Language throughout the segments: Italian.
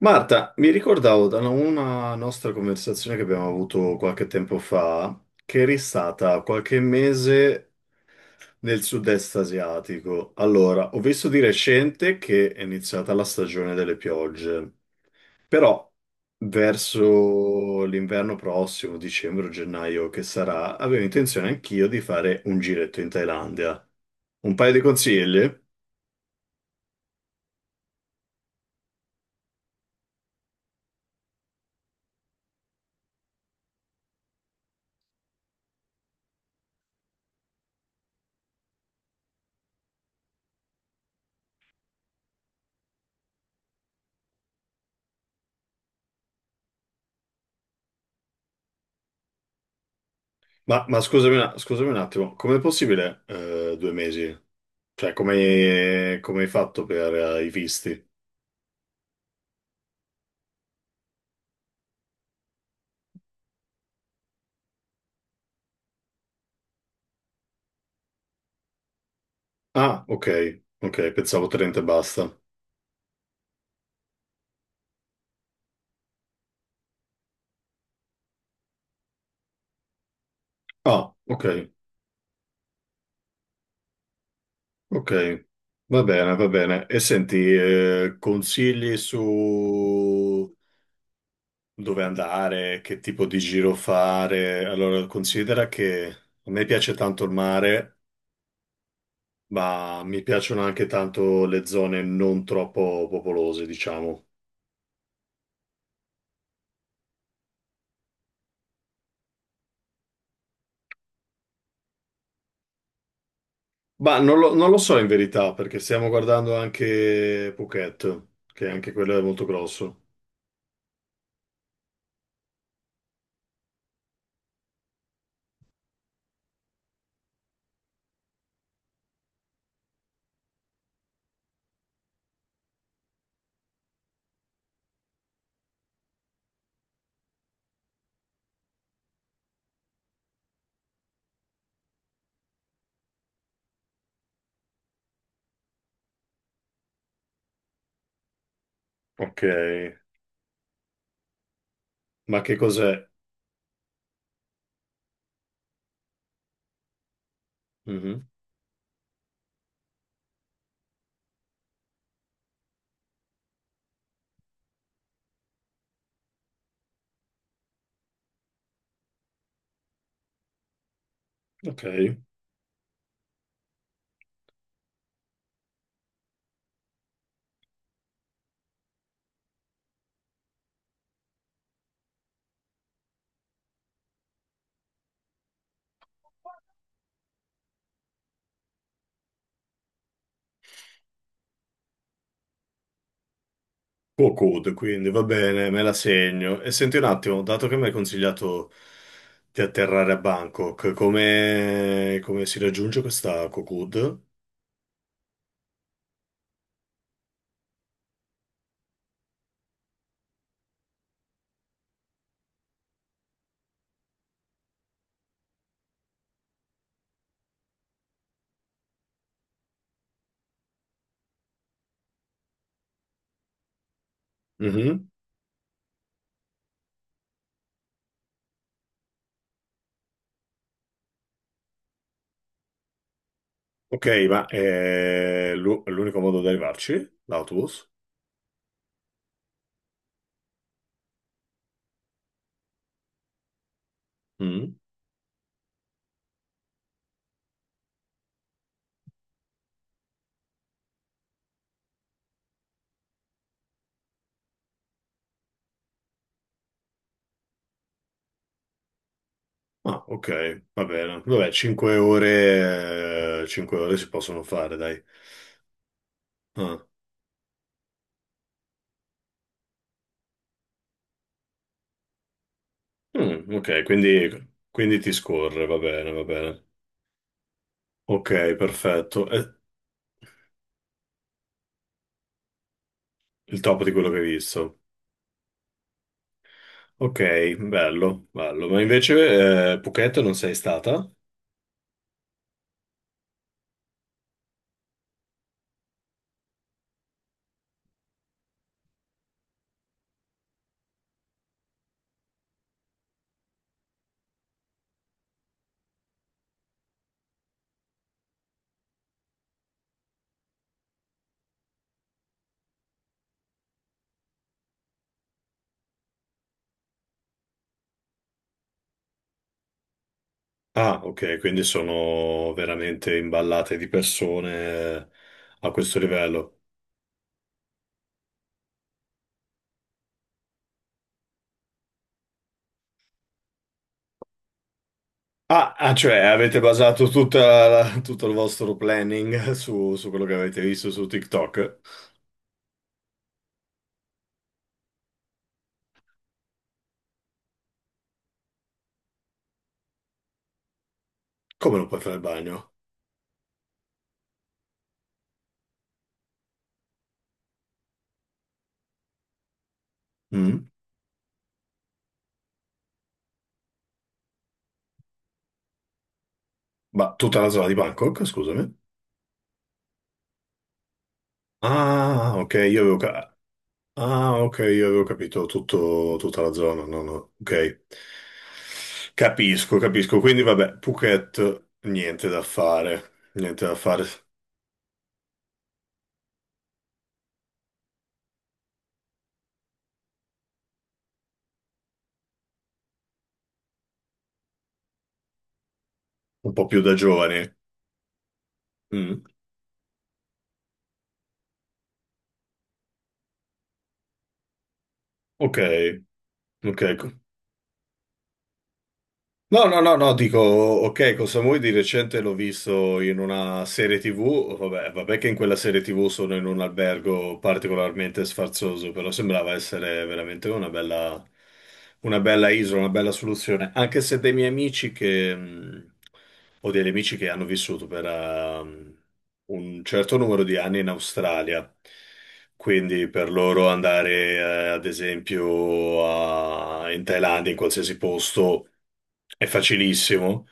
Marta, mi ricordavo da una nostra conversazione che abbiamo avuto qualche tempo fa, che eri stata qualche mese nel sud-est asiatico. Allora, ho visto di recente che è iniziata la stagione delle piogge, però verso l'inverno prossimo, dicembre o gennaio che sarà, avevo intenzione anch'io di fare un giretto in Thailandia. Un paio di consigli? Ma scusami, scusami un attimo, com'è possibile due mesi? Cioè, come, come hai fatto per i visti? Ah, ok, ok, pensavo 30 e basta. Ah, ok, ok, va bene, va bene. E senti, consigli su dove andare, che tipo di giro fare? Allora, considera che a me piace tanto il mare, ma mi piacciono anche tanto le zone non troppo popolose, diciamo. Ma non lo so in verità, perché stiamo guardando anche Phuket, che anche quello è molto grosso. Ok, ma che cos'è? Mhm. Ok, Cocod, quindi va bene, me la segno. E senti un attimo, dato che mi hai consigliato di atterrare a Bangkok, come, come si raggiunge questa Cocod? Mhm. Ok, ma è l'unico modo di arrivarci? L'autobus? Mm. Ah, ok, va bene. Vabbè, 5 ore, 5 ore si possono fare, dai. Ah. Mm, ok, quindi ti scorre, va bene, va bene. Ok, perfetto. È il top di quello che hai visto. Ok, bello, bello. Ma invece, Phuket non sei stata? Ah, ok, quindi sono veramente imballate di persone a questo livello. Ah, ah, cioè avete basato tutta tutto il vostro planning su, su quello che avete visto su TikTok? Come non puoi fare il bagno? Mm? Ma tutta la zona di Bangkok, scusami. Ah, ok, ah, ok, io avevo capito tutto, tutta la zona. No, no, ok. Capisco, capisco. Quindi, vabbè, Phuket, niente da fare. Niente da fare. Un po' più da giovani. Mm, ok, ok. No, no, no, no, dico, ok, con Samui di recente l'ho visto in una serie TV, vabbè, vabbè che in quella serie TV sono in un albergo particolarmente sfarzoso, però sembrava essere veramente una bella isola, una bella soluzione, anche se dei miei amici o degli amici che hanno vissuto per, un certo numero di anni in Australia. Quindi per loro andare, ad esempio, in Thailandia, in qualsiasi posto, è facilissimo.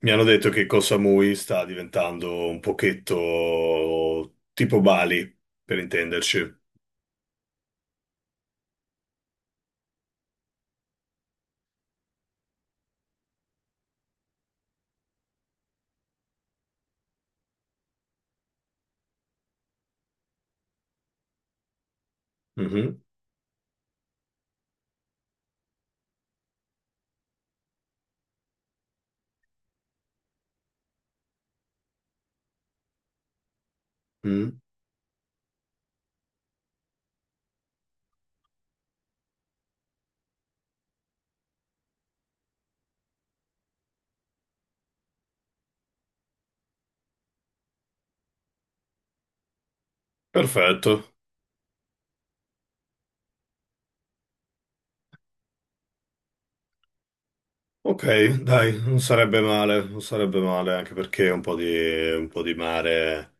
Mi hanno detto che Koh Samui sta diventando un pochetto tipo Bali, per intenderci. Mhm, mhm. Perfetto. Ok, dai, non sarebbe male, non sarebbe male, anche perché un po' di mare.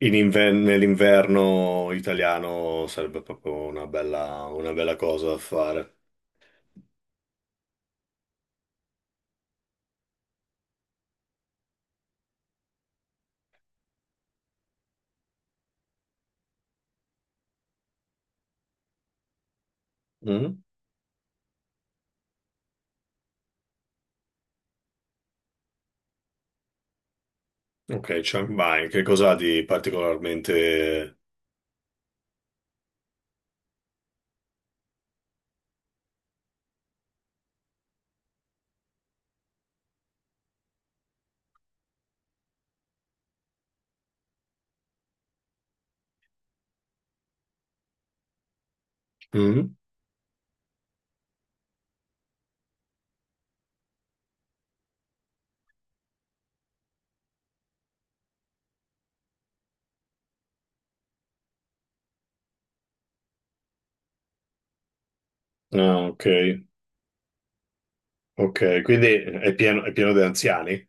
Nell'inverno italiano sarebbe proprio una bella cosa da fare. Mhm. Ok, cioè, vai, che cosa ha di particolarmente... Mhm. Ah, ok, ok, quindi è pieno di anziani?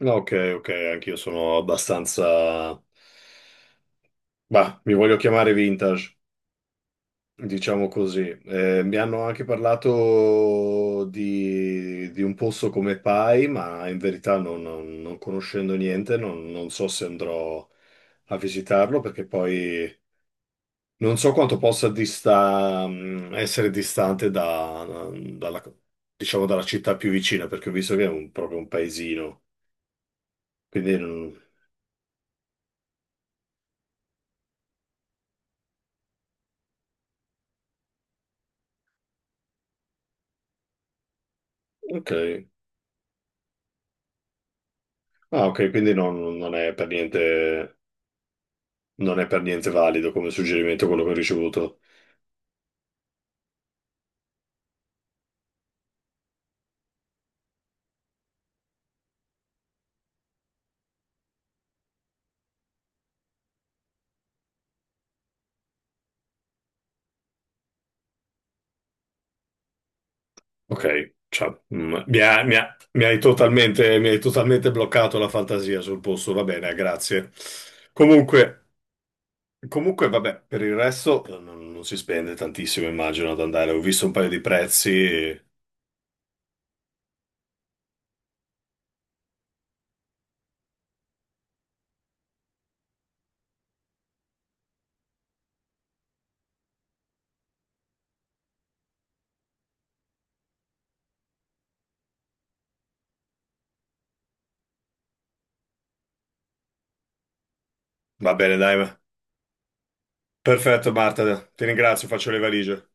No, ok, ok, anch'io sono abbastanza... Bah, mi voglio chiamare vintage. Diciamo così. Mi hanno anche parlato di un posto come Pai, ma in verità non conoscendo niente, non so se andrò a visitarlo perché poi non so quanto essere distante dalla, diciamo, dalla città più vicina, perché ho visto che è proprio un paesino. Quindi, non- ok. Ah, ok, quindi non è per niente, non è per niente valido come suggerimento quello che ho ricevuto. Ok, cioè, mi hai totalmente bloccato la fantasia sul posto, va bene, grazie. Comunque, comunque, vabbè, per il resto non si spende tantissimo, immagino, ad andare. Ho visto un paio di prezzi, va bene, dai, va. Perfetto Marta, ti ringrazio, faccio le valigie.